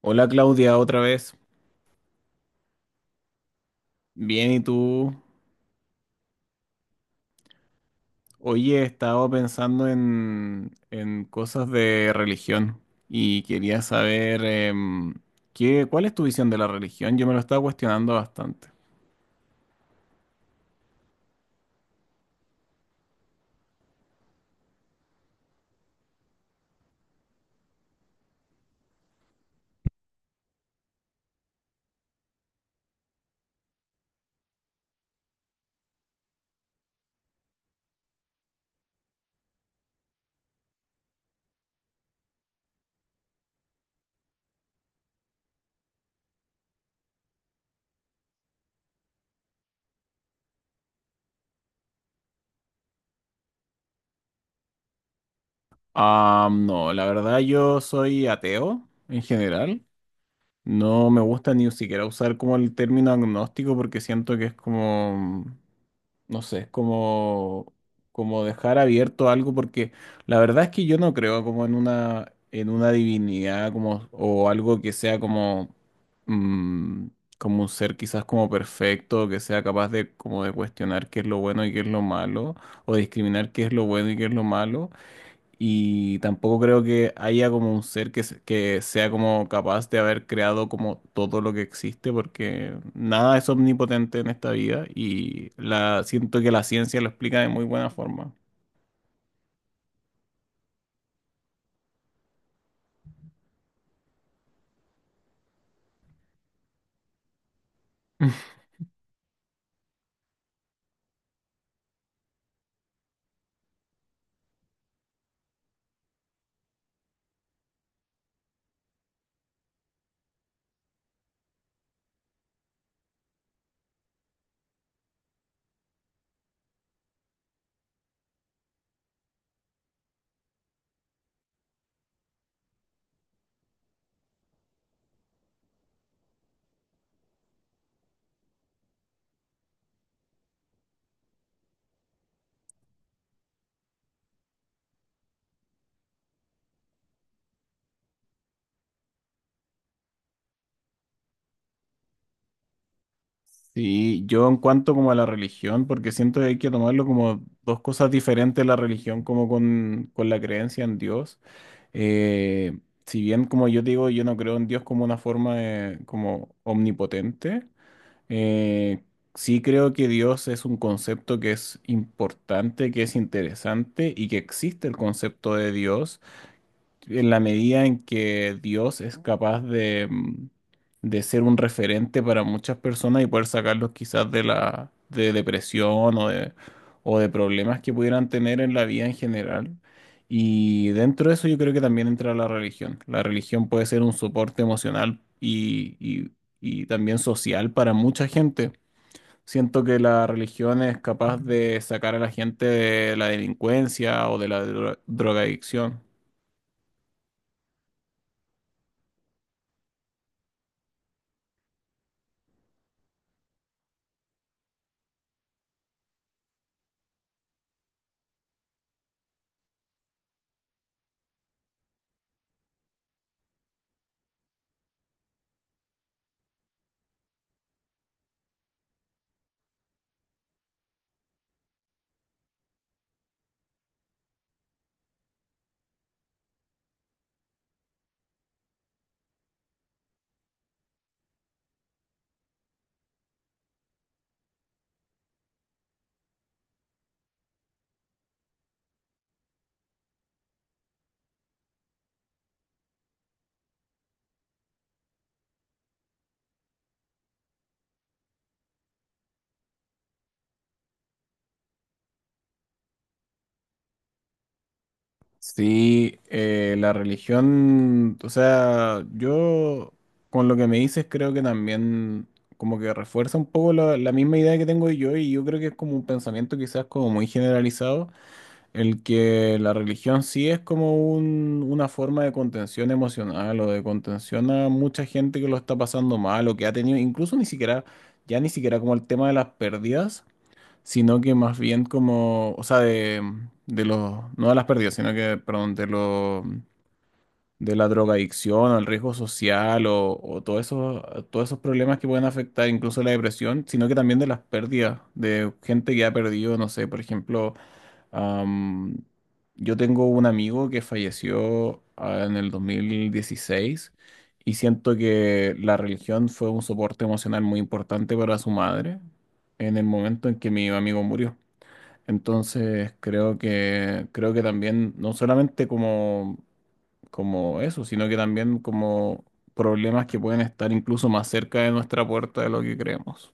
Hola Claudia, otra vez. Bien, ¿y tú? Oye, estaba pensando en cosas de religión y quería saber cuál es tu visión de la religión. Yo me lo estaba cuestionando bastante. Ah, no, la verdad yo soy ateo en general. No me gusta ni siquiera usar como el término agnóstico porque siento que es como no sé, como, como dejar abierto algo, porque la verdad es que yo no creo como en una divinidad como, o algo que sea como, mm, como un ser quizás como perfecto, que sea capaz de como de cuestionar qué es lo bueno y qué es lo malo, o discriminar qué es lo bueno y qué es lo malo. Y tampoco creo que haya como un ser que, que sea como capaz de haber creado como todo lo que existe, porque nada es omnipotente en esta vida y la, siento que la ciencia lo explica de muy buena forma. Sí, yo en cuanto como a la religión, porque siento que hay que tomarlo como dos cosas diferentes, la religión como con la creencia en Dios. Eh, si bien como yo digo, yo no creo en Dios como una forma como omnipotente. Eh, sí creo que Dios es un concepto que es importante, que es interesante y que existe el concepto de Dios en la medida en que Dios es capaz de, de ser un referente para muchas personas y poder sacarlos quizás de la de depresión o de problemas que pudieran tener en la vida en general. Y dentro de eso yo creo que también entra la religión. La religión puede ser un soporte emocional y y también social para mucha gente. Siento que la religión es capaz de sacar a la gente de la delincuencia o de la drogadicción. Sí, la religión, o sea, yo con lo que me dices creo que también como que refuerza un poco la, la misma idea que tengo yo y yo creo que es como un pensamiento quizás como muy generalizado. El que la religión sí es como una forma de contención emocional o de contención a mucha gente que lo está pasando mal o que ha tenido, incluso ni siquiera, ya ni siquiera como el tema de las pérdidas, sino que más bien como, o sea, de los, no de las pérdidas, sino que, perdón, de los de la drogadicción o el riesgo social o todos esos problemas que pueden afectar incluso la depresión, sino que también de las pérdidas, de gente que ha perdido, no sé, por ejemplo, am, yo tengo un amigo que falleció en el 2016 y siento que la religión fue un soporte emocional muy importante para su madre en el momento en que mi amigo murió. Entonces creo que también, no solamente como, como eso, sino que también como problemas que pueden estar incluso más cerca de nuestra puerta de lo que creemos.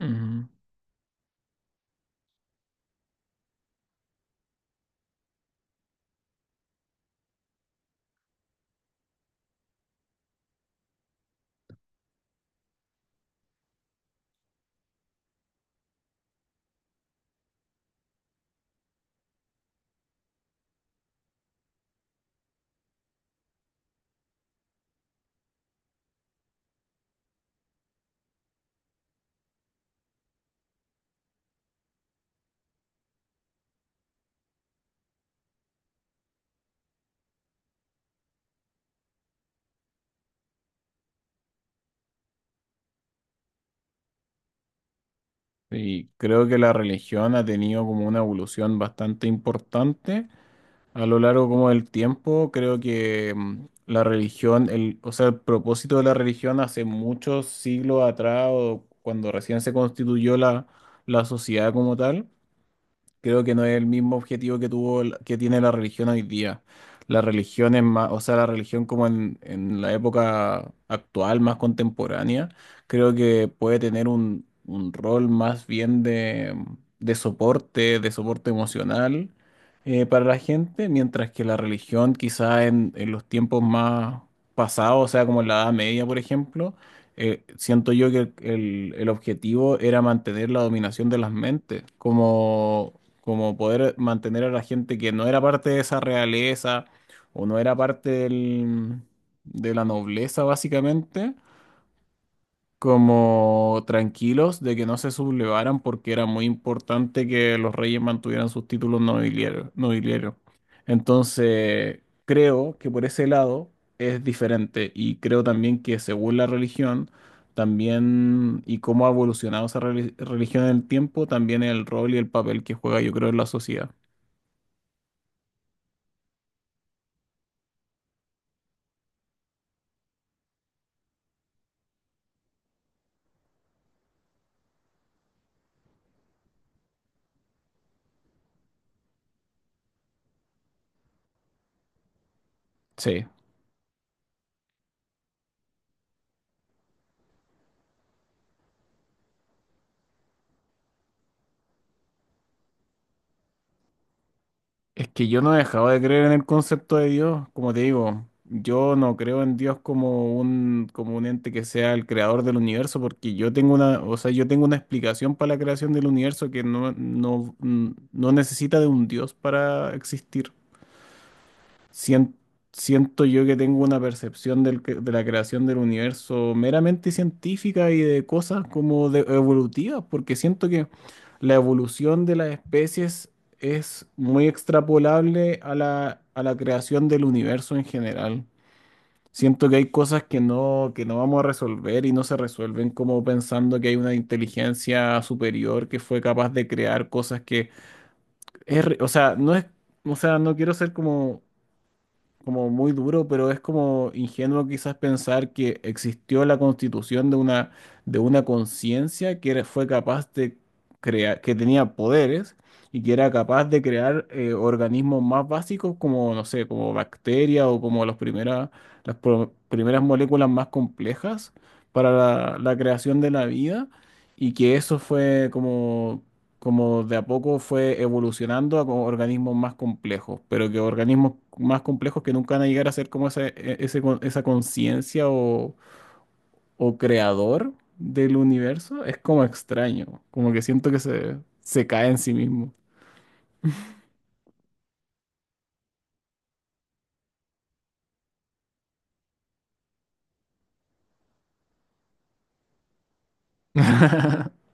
Ujú. Y creo que la religión ha tenido como una evolución bastante importante a lo largo como del tiempo. Creo que la religión, el, o sea, el propósito de la religión hace muchos siglos atrás o cuando recién se constituyó la, la sociedad como tal. Creo que no es el mismo objetivo que tuvo, que tiene la religión hoy día. La religión es más, o sea, la religión como en la época actual, más contemporánea, creo que puede tener un rol más bien de soporte emocional para la gente, mientras que la religión quizá en los tiempos más pasados, o sea, como en la Edad Media, por ejemplo, siento yo que el objetivo era mantener la dominación de las mentes, como, como poder mantener a la gente que no era parte de esa realeza o no era parte de la nobleza, básicamente, como tranquilos de que no se sublevaran porque era muy importante que los reyes mantuvieran sus títulos nobiliarios. Entonces, creo que por ese lado es diferente y creo también que según la religión, también y cómo ha evolucionado esa religión en el tiempo, también el rol y el papel que juega, yo creo, en la sociedad. Sí. Es que yo no he dejado de creer en el concepto de Dios, como te digo, yo no creo en Dios como un ente que sea el creador del universo, porque yo tengo una, o sea, yo tengo una explicación para la creación del universo que no, no, no necesita de un Dios para existir. Sien- Siento yo que tengo una percepción del de la creación del universo meramente científica y de cosas como evolutivas, porque siento que la evolución de las especies es muy extrapolable a la creación del universo en general. Siento que hay cosas que no vamos a resolver y no se resuelven como pensando que hay una inteligencia superior que fue capaz de crear cosas que es o sea, no es, o sea, no quiero ser como como muy duro, pero es como ingenuo quizás pensar que existió la constitución de una conciencia que fue capaz de crear, que tenía poderes y que era capaz de crear organismos más básicos como, no sé, como bacterias o como los las primeras moléculas más complejas para la, la creación de la vida y que eso fue como como de a poco fue evolucionando a como organismos más complejos, pero que organismos más complejos que nunca van a llegar a ser como ese, ese esa conciencia o creador del universo, es como extraño, como que siento que se cae en sí mismo.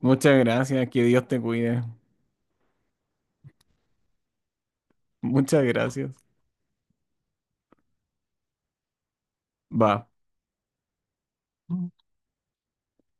Muchas gracias, que Dios te cuide. Muchas gracias. Va.